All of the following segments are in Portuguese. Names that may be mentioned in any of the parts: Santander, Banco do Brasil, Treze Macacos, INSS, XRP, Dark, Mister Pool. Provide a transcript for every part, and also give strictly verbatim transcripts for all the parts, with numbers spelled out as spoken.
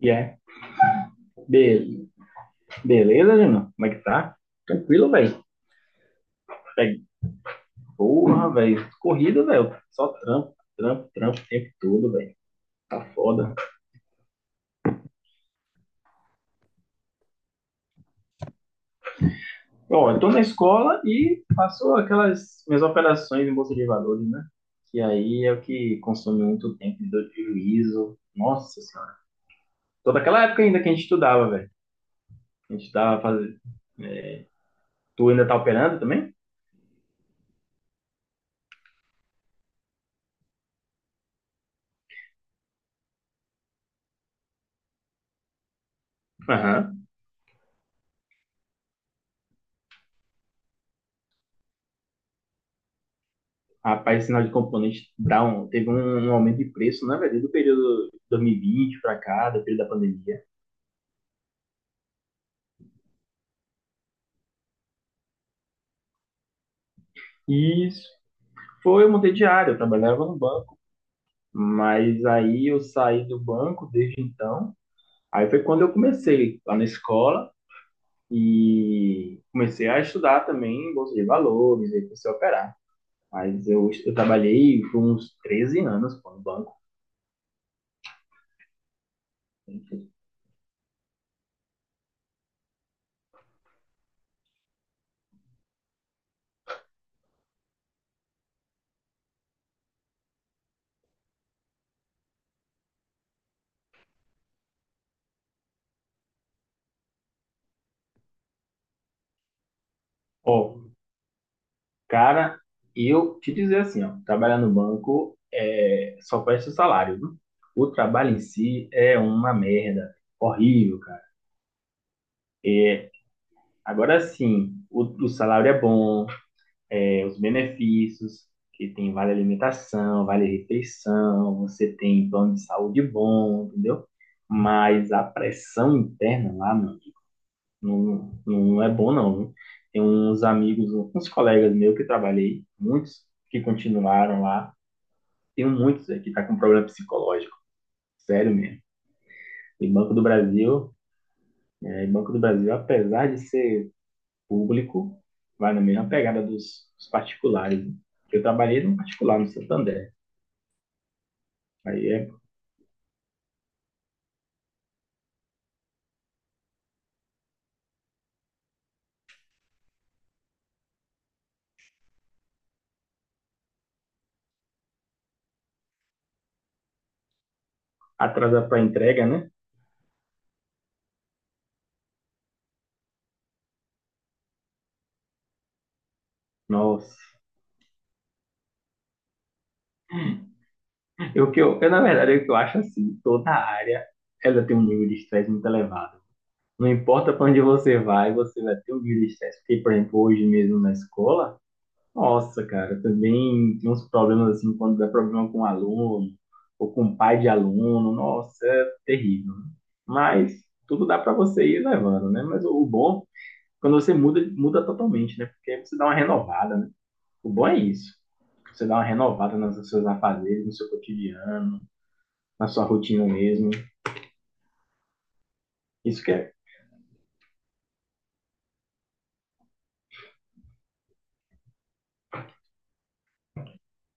E é. Be- beleza, Júnior? Como é que tá? Tranquilo, velho. Porra, velho. Corrida, velho. Só trampo, trampo, trampo o tempo todo, velho. Tá foda. Bom, eu tô na escola e faço aquelas minhas operações em bolsa de valores, né? Que aí é o que consome muito tempo de dor de juízo. Nossa senhora. Toda aquela época ainda que a gente estudava, velho. A gente tava fazendo. Tu ainda tá operando também? Aham. Rapaz, sinal de componentes dá um, teve um, um aumento de preço, na verdade, do período dois mil e vinte para cá, do período da pandemia. E isso foi, eu mudei de área, eu trabalhava no banco. Mas aí eu saí do banco desde então. Aí foi quando eu comecei lá na escola e comecei a estudar também bolsa de valores, aí comecei a operar. Mas eu, eu trabalhei por uns treze anos pô, no banco. Ó, cara, e eu te dizer assim, ó, trabalhar no banco é só presta o salário, viu? O trabalho em si é uma merda, horrível, cara. Agora sim, o, o salário é bom, é, os benefícios, que tem vale alimentação, vale refeição, você tem plano de saúde bom, entendeu? Mas a pressão interna lá, meu amigo, não, não é bom não, viu? Tem uns amigos, uns colegas meus que trabalhei, muitos que continuaram lá. Tem muitos aí que tá com problema psicológico, sério mesmo. E Banco do Brasil, é, e Banco do Brasil, apesar de ser público, vai na mesma pegada dos, dos particulares, né? Eu trabalhei num particular no Santander. Aí é atrasar para entrega, né? Nossa. Eu, que eu, eu, na verdade, o que eu acho assim, toda área, ela tem um nível de estresse muito elevado. Não importa para onde você vai, você vai ter um nível de estresse. Porque, por exemplo, hoje mesmo na escola, nossa, cara, também tem uns problemas assim, quando dá problema com um aluno, ou com um pai de aluno, nossa, é terrível, né? Mas tudo dá para você ir levando, né? Mas o o bom, quando você muda, muda totalmente, né? Porque aí você dá uma renovada, né? O bom é isso. Você dá uma renovada nos seus afazeres, no seu cotidiano, na sua rotina mesmo. Isso que é.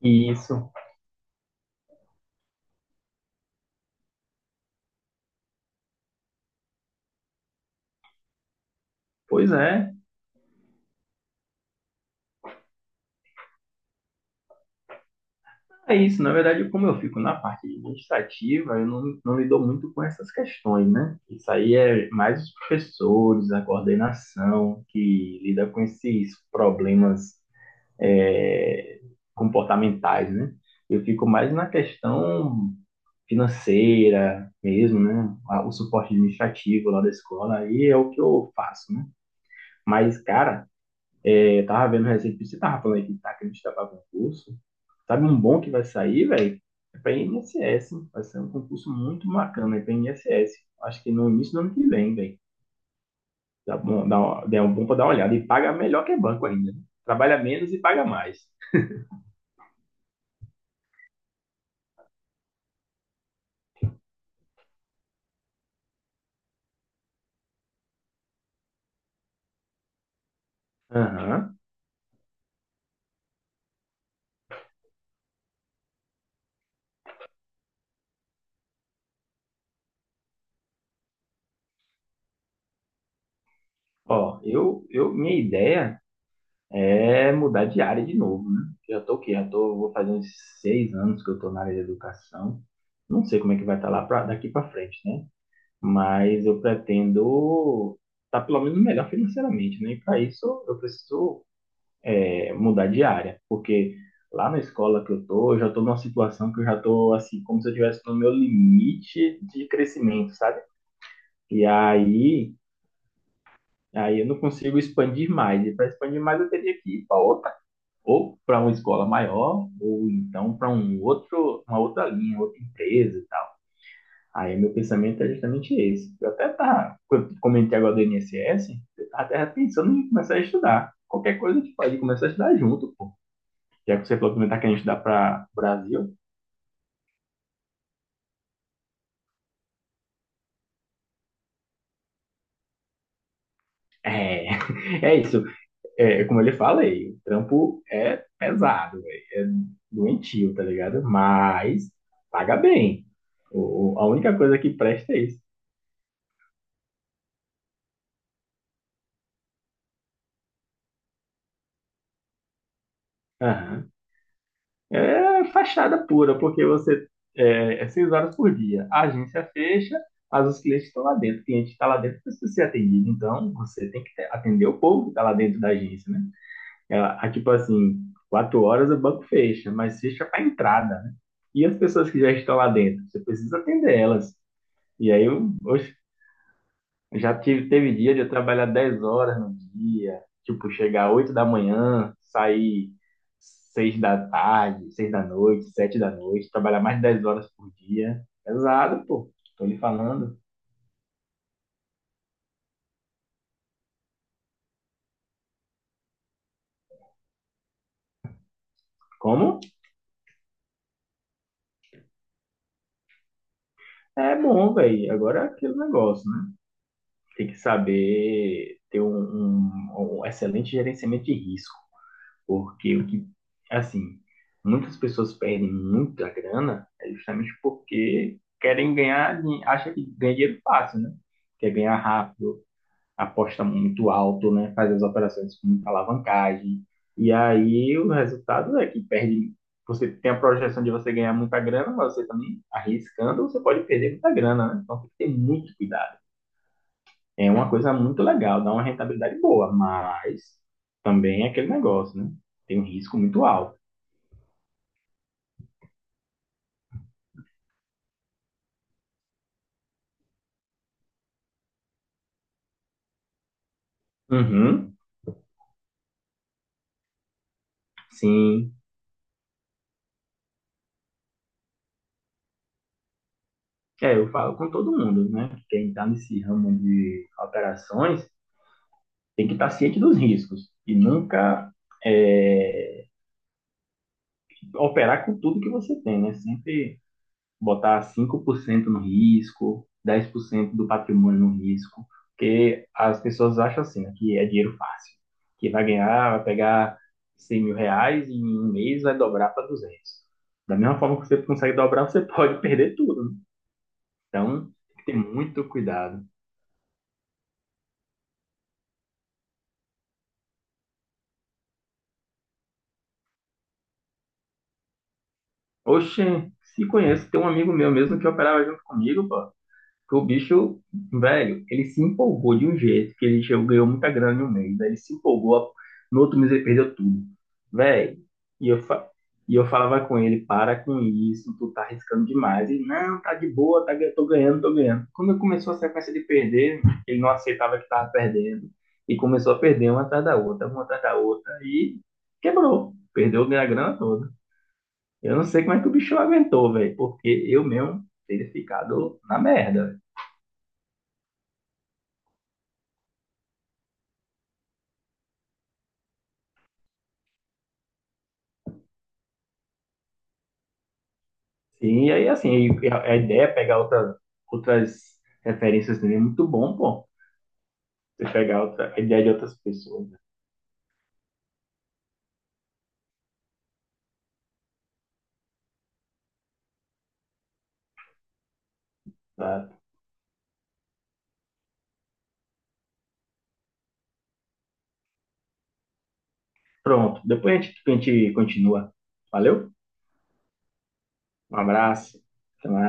Isso. Pois é. É isso, na verdade, como eu fico na parte administrativa, eu não, não lido muito com essas questões, né? Isso aí é mais os professores, a coordenação, que lida com esses problemas, é, comportamentais, né? Eu fico mais na questão financeira mesmo, né? O suporte administrativo lá da escola, aí é o que eu faço, né? Mas, cara, é, eu tava vendo recentemente, você tava falando aí que tá, que a gente tava com concurso. Sabe um bom que vai sair, velho? É para I N S S, hein? Vai ser um concurso muito bacana, é para I N S S. Acho que no início do ano que vem, velho. Dá bom, dá, uma- dá um bom para dar uma olhada. E paga melhor que banco ainda, né? Trabalha menos e paga mais. Aham. Ó, eu, eu, minha ideia é mudar de área de novo, né? Eu já tô o quê? Já tô, vou fazer uns seis anos que eu tô na área de educação. Não sei como é que vai estar lá pra, daqui para frente, né? Mas eu pretendo estar pelo menos melhor financeiramente, né? E para isso eu preciso, é, mudar de área, porque lá na escola que eu tô, eu já tô numa situação que eu já tô assim, como se eu estivesse no meu limite de crescimento, sabe? E aí, aí eu não consigo expandir mais. E para expandir mais eu teria que ir para outra, ou para uma escola maior, ou então para um outro, uma outra linha, outra empresa e tal. Aí meu pensamento é justamente esse. Eu até tá, quando comentei agora do I N S S, eu tava até pensando em começar a estudar. Qualquer coisa a gente pode começar a estudar junto, pô. Já que você falou que não está querendo estudar para Brasil, é, é isso. É, como eu lhe falei, o trampo é pesado, véi, é doentio, tá ligado? Mas paga bem. O, o- a única coisa que presta é isso. Aham. É fachada pura, porque você é, é, seis horas por dia. A agência fecha, mas os clientes estão lá dentro. O cliente está lá dentro para ser atendido. Então, você tem que te- atender o povo que está lá dentro da agência, né? Ela, ah, tipo assim, quatro horas o banco fecha, mas fecha para entrada, né? E as pessoas que já estão lá dentro, você precisa atender elas. E aí, eu, oxe, já tive, teve dia de eu trabalhar dez horas no dia, tipo, chegar oito da manhã, sair seis da tarde, seis da noite, sete da noite, trabalhar mais de dez horas por dia. Pesado, pô, tô lhe falando. Como? É bom, velho. Agora é aquele negócio, né? Tem que saber ter um, um um excelente gerenciamento de risco. Porque o que, assim, muitas pessoas perdem muita grana é justamente porque querem ganhar, din- acha que ganha dinheiro fácil, né? Quer ganhar rápido, aposta muito alto, né? Faz as operações com muita alavancagem. E aí o resultado é que perde. Você tem a projeção de você ganhar muita grana, mas você também arriscando, você pode perder muita grana, né? Então tem que ter muito cuidado. É uma coisa muito legal, dá uma rentabilidade boa, mas também é aquele negócio, né? Tem um risco muito alto. Uhum, sim. É, eu falo com todo mundo, né? Que quem está nesse ramo de operações tem que estar ciente dos riscos e nunca, é, operar com tudo que você tem, né? Sempre botar cinco por cento no risco, dez por cento do patrimônio no risco, porque as pessoas acham assim, né, que é dinheiro fácil, que vai ganhar, vai pegar cem mil reais e em um mês vai dobrar para duzentos. Da mesma forma que você consegue dobrar, você pode perder tudo, né? Então, tem que ter muito cuidado. Oxe, se conheço, tem um amigo meu mesmo que operava junto comigo, pô. Porque o bicho, velho, ele se empolgou de um jeito que ele chegou, ganhou muita grana em um mês. Aí ele se empolgou, no outro mês ele perdeu tudo. Velho, e eu, fa- e eu falava com ele, para com isso, tu tá arriscando demais. E não, tá de boa, tá, gan- tô ganhando, tô ganhando. Quando ele começou a sequência de perder, ele não aceitava que tava perdendo. E começou a perder uma atrás da outra, uma atrás da outra, e quebrou. Perdeu a minha grana toda. Eu não sei como é que o bicho aguentou, velho, porque eu mesmo teria ficado na merda. Sim, e aí assim, e a a ideia é pegar outra, outras referências também, é muito bom, pô. Você pegar outra, a ideia de outras pessoas, né? Tá? Pronto, depois a gente, a gente continua. Valeu? Um abraço. Até mais.